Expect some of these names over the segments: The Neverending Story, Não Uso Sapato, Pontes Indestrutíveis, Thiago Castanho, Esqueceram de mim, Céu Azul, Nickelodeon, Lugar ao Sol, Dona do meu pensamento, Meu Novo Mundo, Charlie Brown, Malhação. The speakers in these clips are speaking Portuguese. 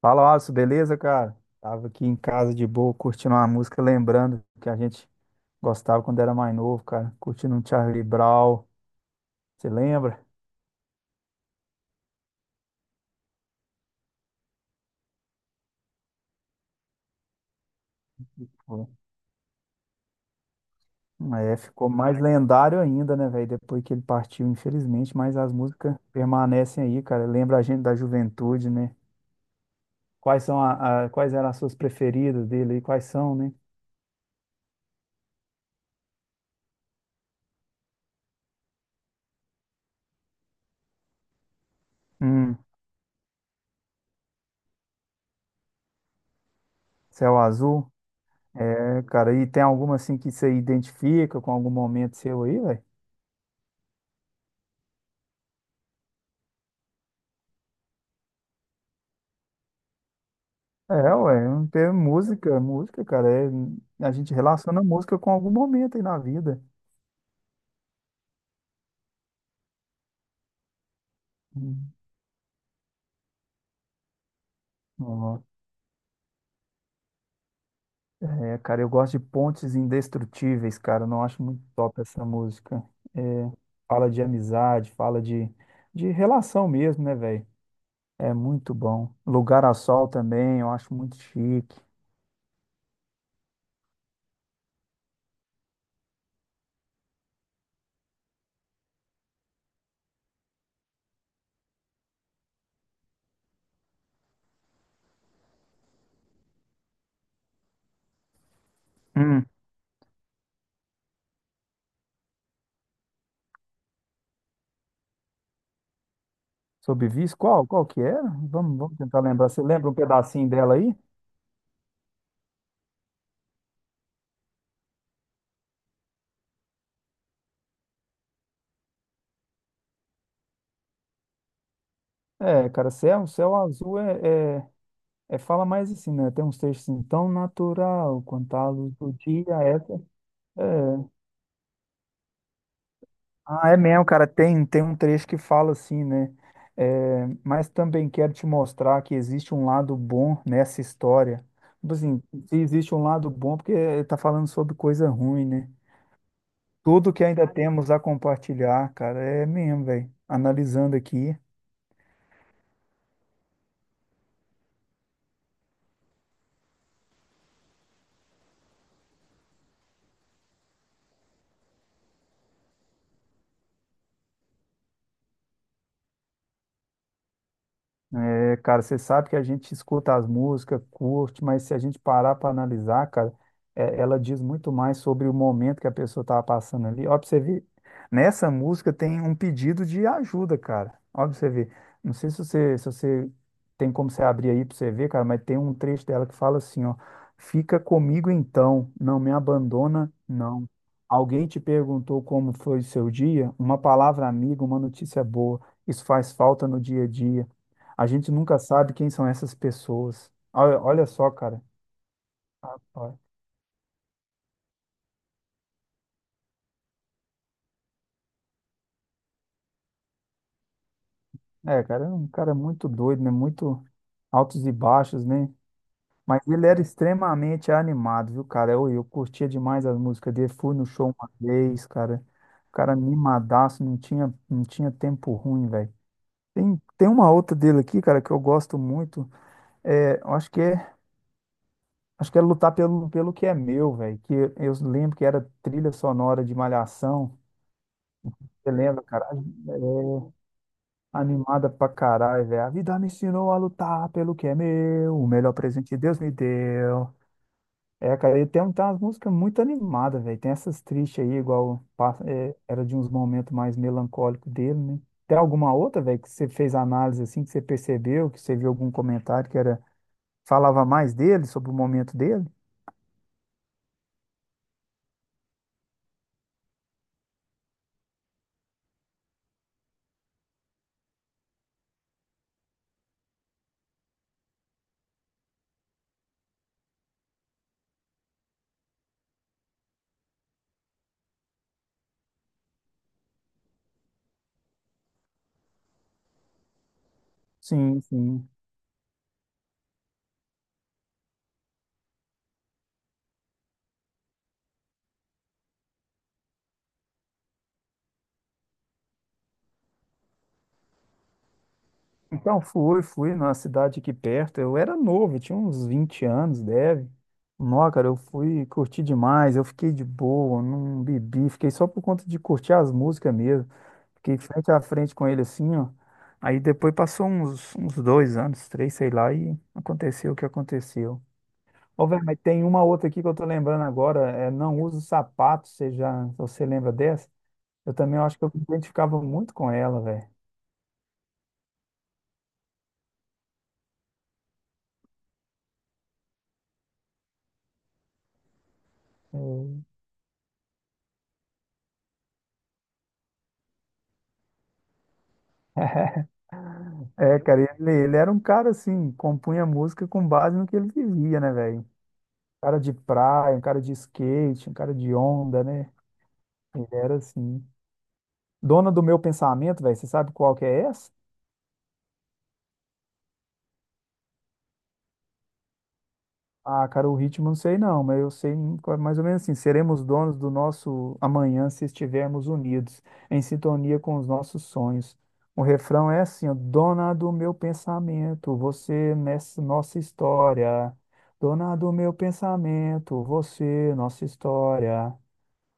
Fala, Alisson, beleza, cara? Tava aqui em casa de boa, curtindo uma música, lembrando que a gente gostava quando era mais novo, cara. Curtindo um Charlie Brown, você lembra? Pô, é, ficou mais lendário ainda, né, velho? Depois que ele partiu, infelizmente, mas as músicas permanecem aí, cara. Lembra a gente da juventude, né? Quais são quais eram as suas preferidas dele aí? Quais são, né? Hum. Céu Azul. É, cara, e tem alguma assim que você identifica com algum momento seu aí, velho? É, ué, é um ter música, cara, a gente relaciona música com algum momento aí na vida. Hum, ó. É, cara, eu gosto de Pontes Indestrutíveis, cara, eu não acho muito top essa música. É, fala de amizade, fala de relação mesmo, né, velho? É muito bom. Lugar ao Sol também, eu acho muito chique. Hum. Sob Vice, qual que era? Vamos tentar lembrar. Você lembra um pedacinho dela aí? É, cara, Céu Azul é, é. É, fala mais assim, né? Tem uns textos assim, tão natural quanto a luz do dia, essa. É. Ah, é mesmo, cara. Tem um trecho que fala assim, né? É, mas também quero te mostrar que existe um lado bom nessa história. Tipo assim, se existe um lado bom, é porque tá falando sobre coisa ruim, né? Tudo que ainda temos a compartilhar, cara, é mesmo, velho. Analisando aqui. É, cara, você sabe que a gente escuta as músicas, curte, mas se a gente parar para analisar, cara, é, ela diz muito mais sobre o momento que a pessoa estava passando ali. Ó, pra você ver, nessa música tem um pedido de ajuda, cara. Ó, pra você ver. Não sei se você tem como você abrir aí para você ver, cara, mas tem um trecho dela que fala assim, ó, fica comigo então, não me abandona, não. Alguém te perguntou como foi o seu dia? Uma palavra amiga, uma notícia boa. Isso faz falta no dia a dia. A gente nunca sabe quem são essas pessoas. Olha, olha só, cara. Olha. É, cara, é um cara muito doido, né? Muito altos e baixos, né? Mas ele era extremamente animado, viu, cara? Eu curtia demais as músicas dele. Fui no show uma vez, cara. O cara animadaço, não tinha tempo ruim, velho. Tem uma outra dele aqui, cara, que eu gosto muito. É, eu acho que é Lutar pelo que é meu, velho. Que eu lembro que era trilha sonora de Malhação. Você lembra, cara? É, animada pra caralho, velho. A vida me ensinou a lutar pelo que é meu. O melhor presente que Deus me deu. É, cara, e tem, um, tem umas músicas muito animadas, velho. Tem essas tristes aí, é, era de uns momentos mais melancólicos dele, né? Tem alguma outra, velho, que você fez análise assim, que você percebeu, que você viu algum comentário que era falava mais dele, sobre o momento dele? Sim. Então, fui numa cidade aqui perto. Eu era novo, eu tinha uns 20 anos, deve. Nó, cara, eu fui curti demais, eu fiquei de boa, não bebi, fiquei só por conta de curtir as músicas mesmo. Fiquei frente a frente com ele assim, ó. Aí depois passou uns 2 anos, três, sei lá, e aconteceu o que aconteceu. Ô, velho, mas tem uma outra aqui que eu tô lembrando agora, é Não Uso Sapato, você lembra dessa? Eu também acho que eu me identificava muito com ela, velho. Eu- É, cara, ele era um cara assim, compunha música com base no que ele vivia, né, velho? Um cara de praia, um cara de skate, um cara de onda, né? Ele era assim. Dona do meu pensamento, velho, você sabe qual que é essa? Ah, cara, o ritmo não sei não, mas eu sei mais ou menos assim, seremos donos do nosso amanhã se estivermos unidos, em sintonia com os nossos sonhos. O refrão é assim, ó, dona do meu pensamento, você nessa nossa história. Dona do meu pensamento, você nossa história.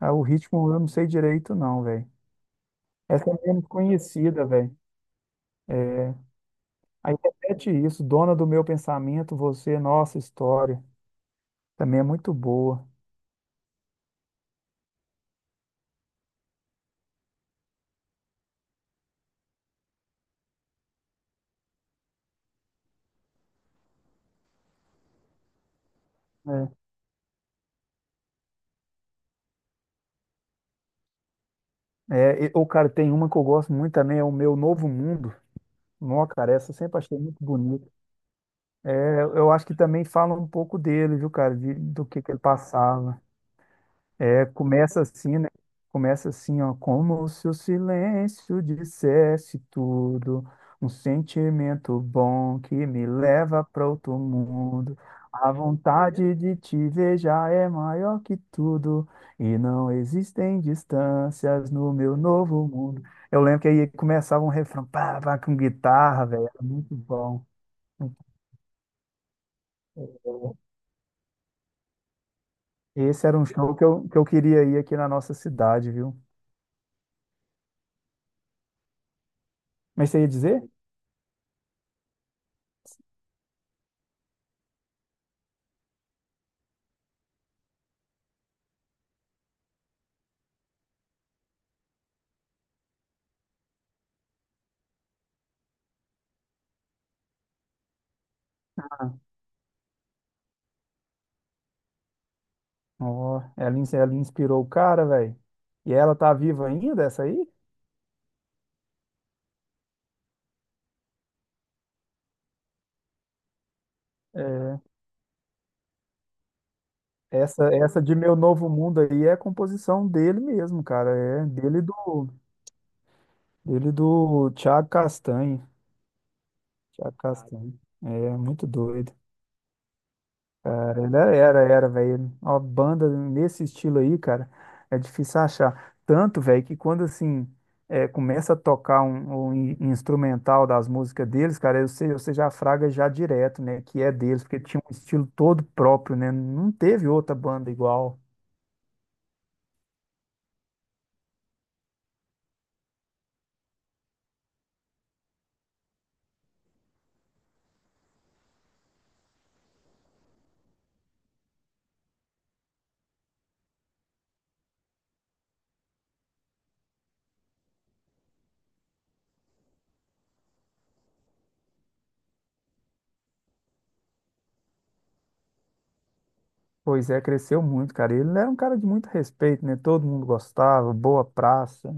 Ah, o ritmo eu não sei direito não, velho. Essa é menos conhecida, velho. É, aí repete isso, dona do meu pensamento, você nossa história. Também é muito boa. É. É, ou, cara, tem uma que eu gosto muito também, é o Meu Novo Mundo. Nossa, cara, essa eu sempre achei muito bonita. É, eu acho que também fala um pouco dele, viu, cara, do que ele passava. Começa assim, né? Começa assim, ó, como se o silêncio dissesse tudo, um sentimento bom que me leva para outro mundo. A vontade de te ver já é maior que tudo, e não existem distâncias no meu novo mundo. Eu lembro que aí começava um refrão, pá, pá, com guitarra, velho, era muito bom. Esse era um show que eu queria ir aqui na nossa cidade, viu? Mas você ia dizer? Ó, ela inspirou o cara, velho. E ela tá viva ainda, essa aí? É, essa de Meu Novo Mundo aí é a composição dele mesmo, cara. É dele e do Thiago Castanho. Thiago Castanho. É muito doido. Cara, ele era, velho. Uma banda nesse estilo aí, cara, é difícil achar. Tanto, velho, que quando assim é, começa a tocar um, instrumental das músicas deles, cara, você já fraga já direto, né? Que é deles, porque tinha um estilo todo próprio, né? Não teve outra banda igual. Pois é, cresceu muito, cara. Ele era um cara de muito respeito, né? Todo mundo gostava, boa praça.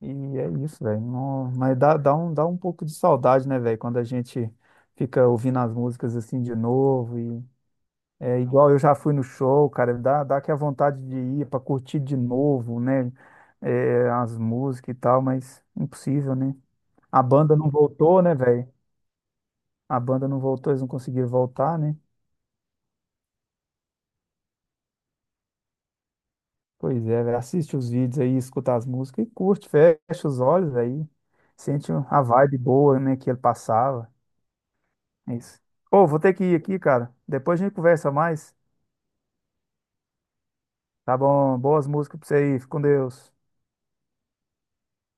E é isso, velho. Mas dá, dá um pouco de saudade, né, velho? Quando a gente fica ouvindo as músicas assim de novo. E é igual eu já fui no show, cara. Dá que a vontade de ir pra curtir de novo, né? É, as músicas e tal, mas impossível, né? A banda não voltou, né, velho? A banda não voltou, eles não conseguiram voltar, né? Pois é, velho. Assiste os vídeos aí, escuta as músicas e curte, fecha os olhos aí. Sente a vibe boa, né, que ele passava. Isso. Ô, vou ter que ir aqui, cara. Depois a gente conversa mais. Tá bom? Boas músicas pra você aí. Fica com Deus.